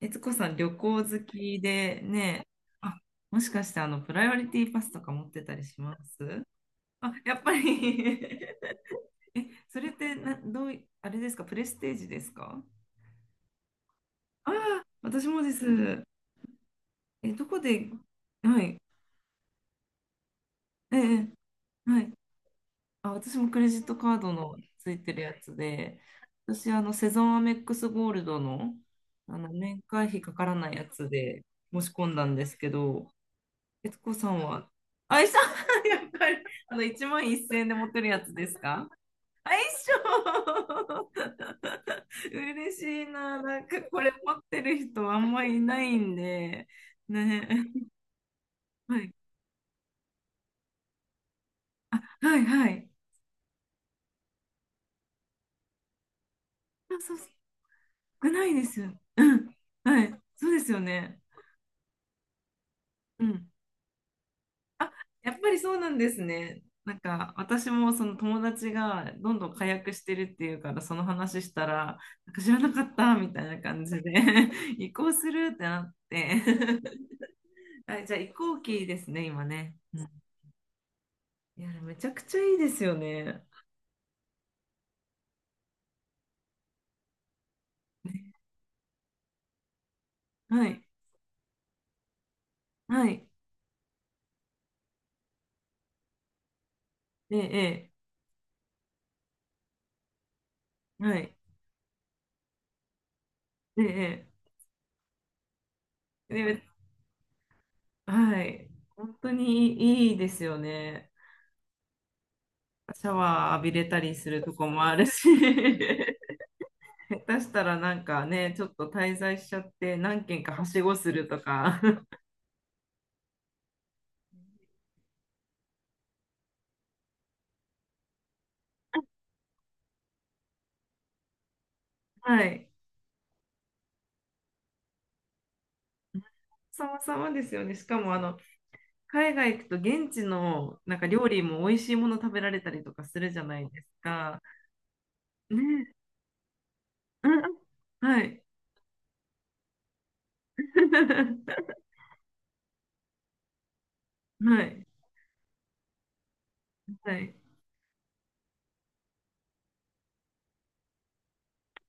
悦子さん、旅行好きでね、あ、もしかしてプライオリティパスとか持ってたりします？あ、やっぱり え、それってな、どうい、あれですか、プレステージですか？ああ、私もです。え、どこで、はい、ええ、はい。あ、私もクレジットカードのついてるやつで、私、セゾンアメックスゴールドの、年会費かからないやつで申し込んだんですけど、悦子さんは？あ、一緒 やっぱり、1万1千円で持ってるやつですか？あ、一緒 嬉しいな。なんか、これ持ってる人あんまいないんで、ね。はい、はい、はい。あ、そう、少ないですよ。うん、はい、そうですよね。うん。あ、やっぱりそうなんですね。なんか私もその友達がどんどん火薬してるっていうからその話したらなんか知らなかったみたいな感じで 移行するってなって あ、じゃあ移行期ですね今ね、うん、いやめちゃくちゃいいですよね。はい、はい、ええ、ええ、はい、ええ、ええ、で、はい、本当にいいですよね。シャワー浴びれたりするとこもあるし 下手したらなんかね、ちょっと滞在しちゃって何軒かはしごするとか、はい、様々ですよね。しかも海外行くと現地のなんか料理も美味しいもの食べられたりとかするじゃないですか。ね、うんうん、はい、はい、はい。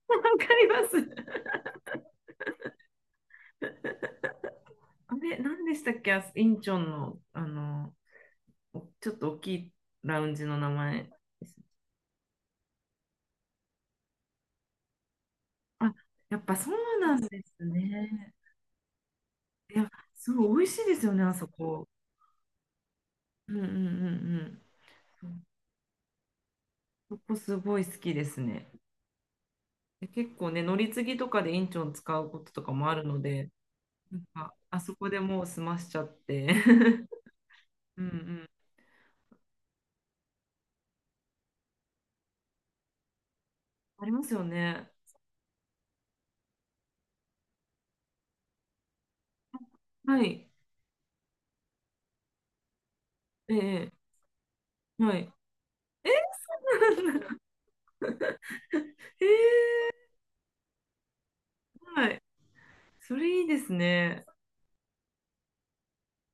わかります。あれ、何でしたっけ、あ、インチョンの、ちょっと大きいラウンジの名前です。あ、やっぱそうなんですね。いや、そう、美味しいですよね、あそこ。うんうんうんうん。そこすごい好きですね。で結構ね、乗り継ぎとかでインチョン使うこととかもあるので、なんかあそこでもう済ましちゃって。うんうん。ありますよね。はい。ええ、はい。え ええ、はい。それいいですね。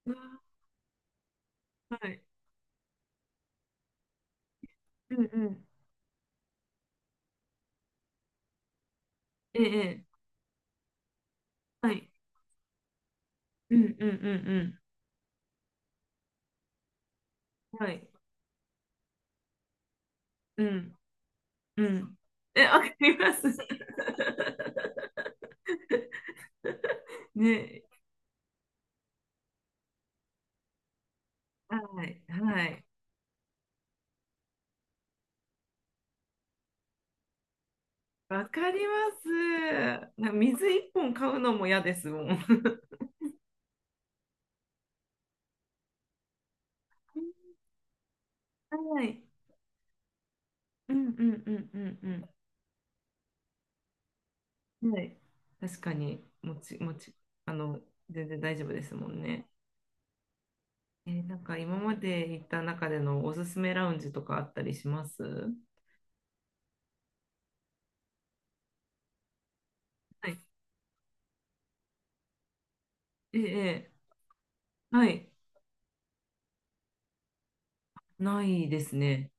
うわ、はい。うんうん。ええ、はい。うんうんうんうん。はい。うんうん。え、わかります。ね。はい。はい。わかります。水一本買うのも嫌ですもん。はい。うんうんうんうんうん。はい。確かに、もち、もち、あの、全然大丈夫ですもんね。えー、なんか今まで行った中でのおすすめラウンジとかあったりします？はい。ええ、ええ、はい。ないですね。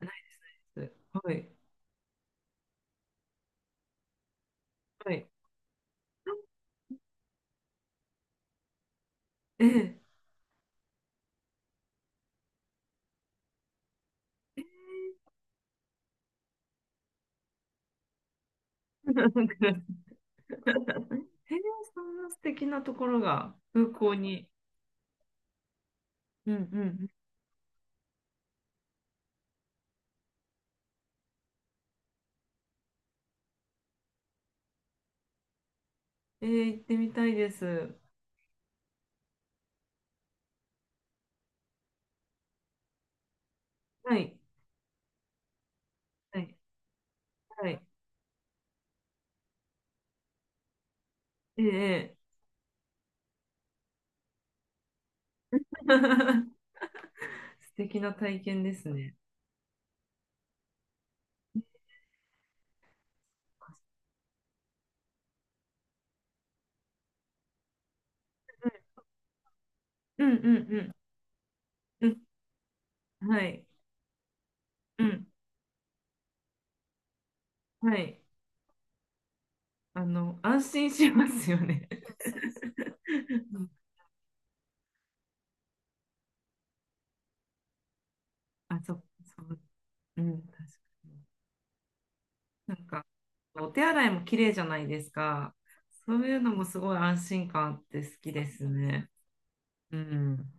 ないです。はい。はい。ええ。なんか、へえ、そんな素敵なところが空港に。うんうん、えー、行ってみたいです。はい。はい。はい。ええ、ええ 素敵な体験ですね。うんうんうん。うん。はい。うん。はい。安心しますよね。うん、あ、そう、そう。うん、確かに。なんか、お手洗いも綺麗じゃないですか。そういうのもすごい安心感あって好きですね。うん。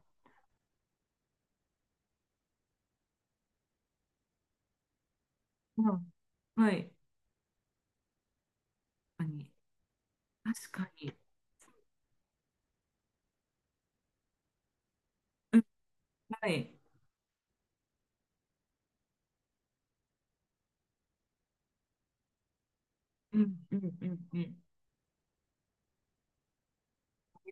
まあ、はい。確かに。確かに。うん、はい。うんうんうんうん。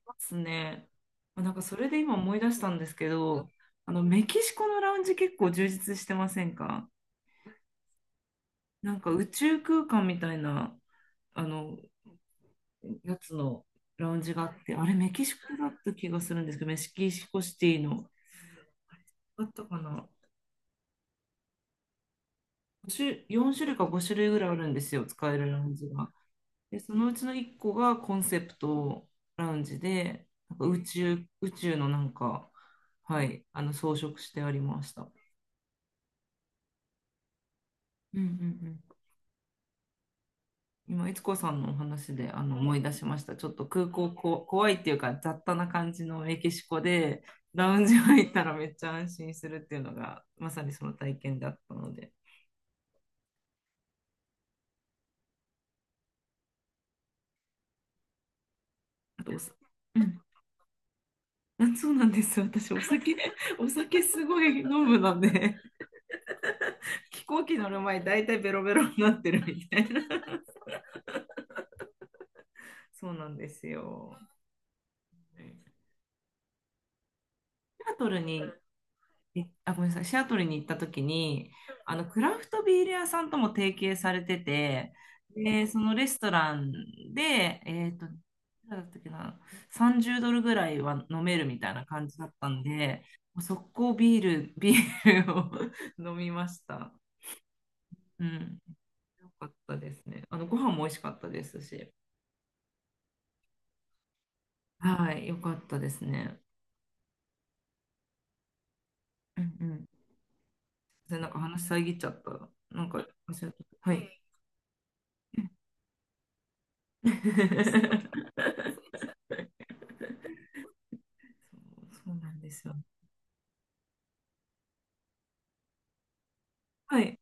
ますね。あ、なんかそれで今思い出したんですけど、メキシコのラウンジ結構充実してませんか？なんか宇宙空間みたいなあのやつのラウンジがあって、あれメキシコだった気がするんですけど、メキシコシティの。あったかな？ 4 種類か5種類ぐらいあるんですよ、使えるラウンジが。で、そのうちの1個がコンセプトラウンジで、なんか宇宙のなんか、はい、装飾してありました。うんうんうん、今、いつこさんのお話で思い出しました。ちょっと空港怖いっていうか、雑多な感じのメキシコで、ラウンジ入ったらめっちゃ安心するっていうのが、まさにその体験だったので。あとおさ、うん、あ、そうなんです。私、お酒 お酒すごい飲むので、飛行機乗る前、大体ベロベロになってるみたいな。そうなんですよ。シアトルにえあ、ごめんなさい。シアトルに行った時に、クラフトビール屋さんとも提携されてて、で、そのレストランで、いくらだったっけな、30ドルぐらいは飲めるみたいな感じだったんで、もう速攻ビールを 飲みました。うん。よかったですね。ご飯も美味しかったですし。はい、よかったですね。うんうん。で、なんか話遮っちゃった。なんか、れはい。そう、そうなんですよ。はい。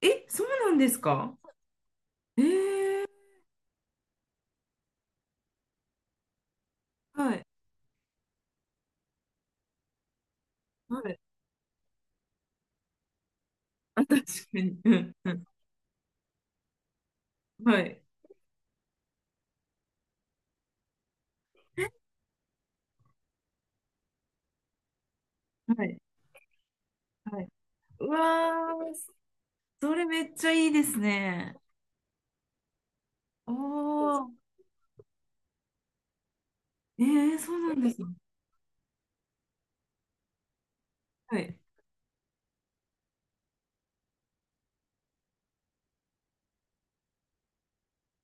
え、そうなんですか？えー、はい。はい。あ、確かに。うんうん。はい。はい。はい。うわー、それめっちゃいいですね。おー。えー、そうなんですね。はい。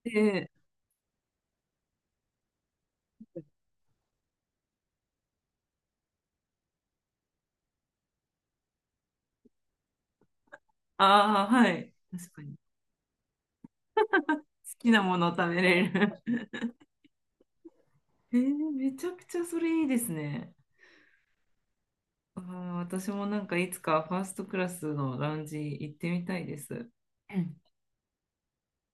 で、ああ、はい。確かに。好きなものを食べれる。えー、めちゃくちゃそれいいですね。あー、私もなんかいつかファーストクラスのラウンジ行ってみたいです。うん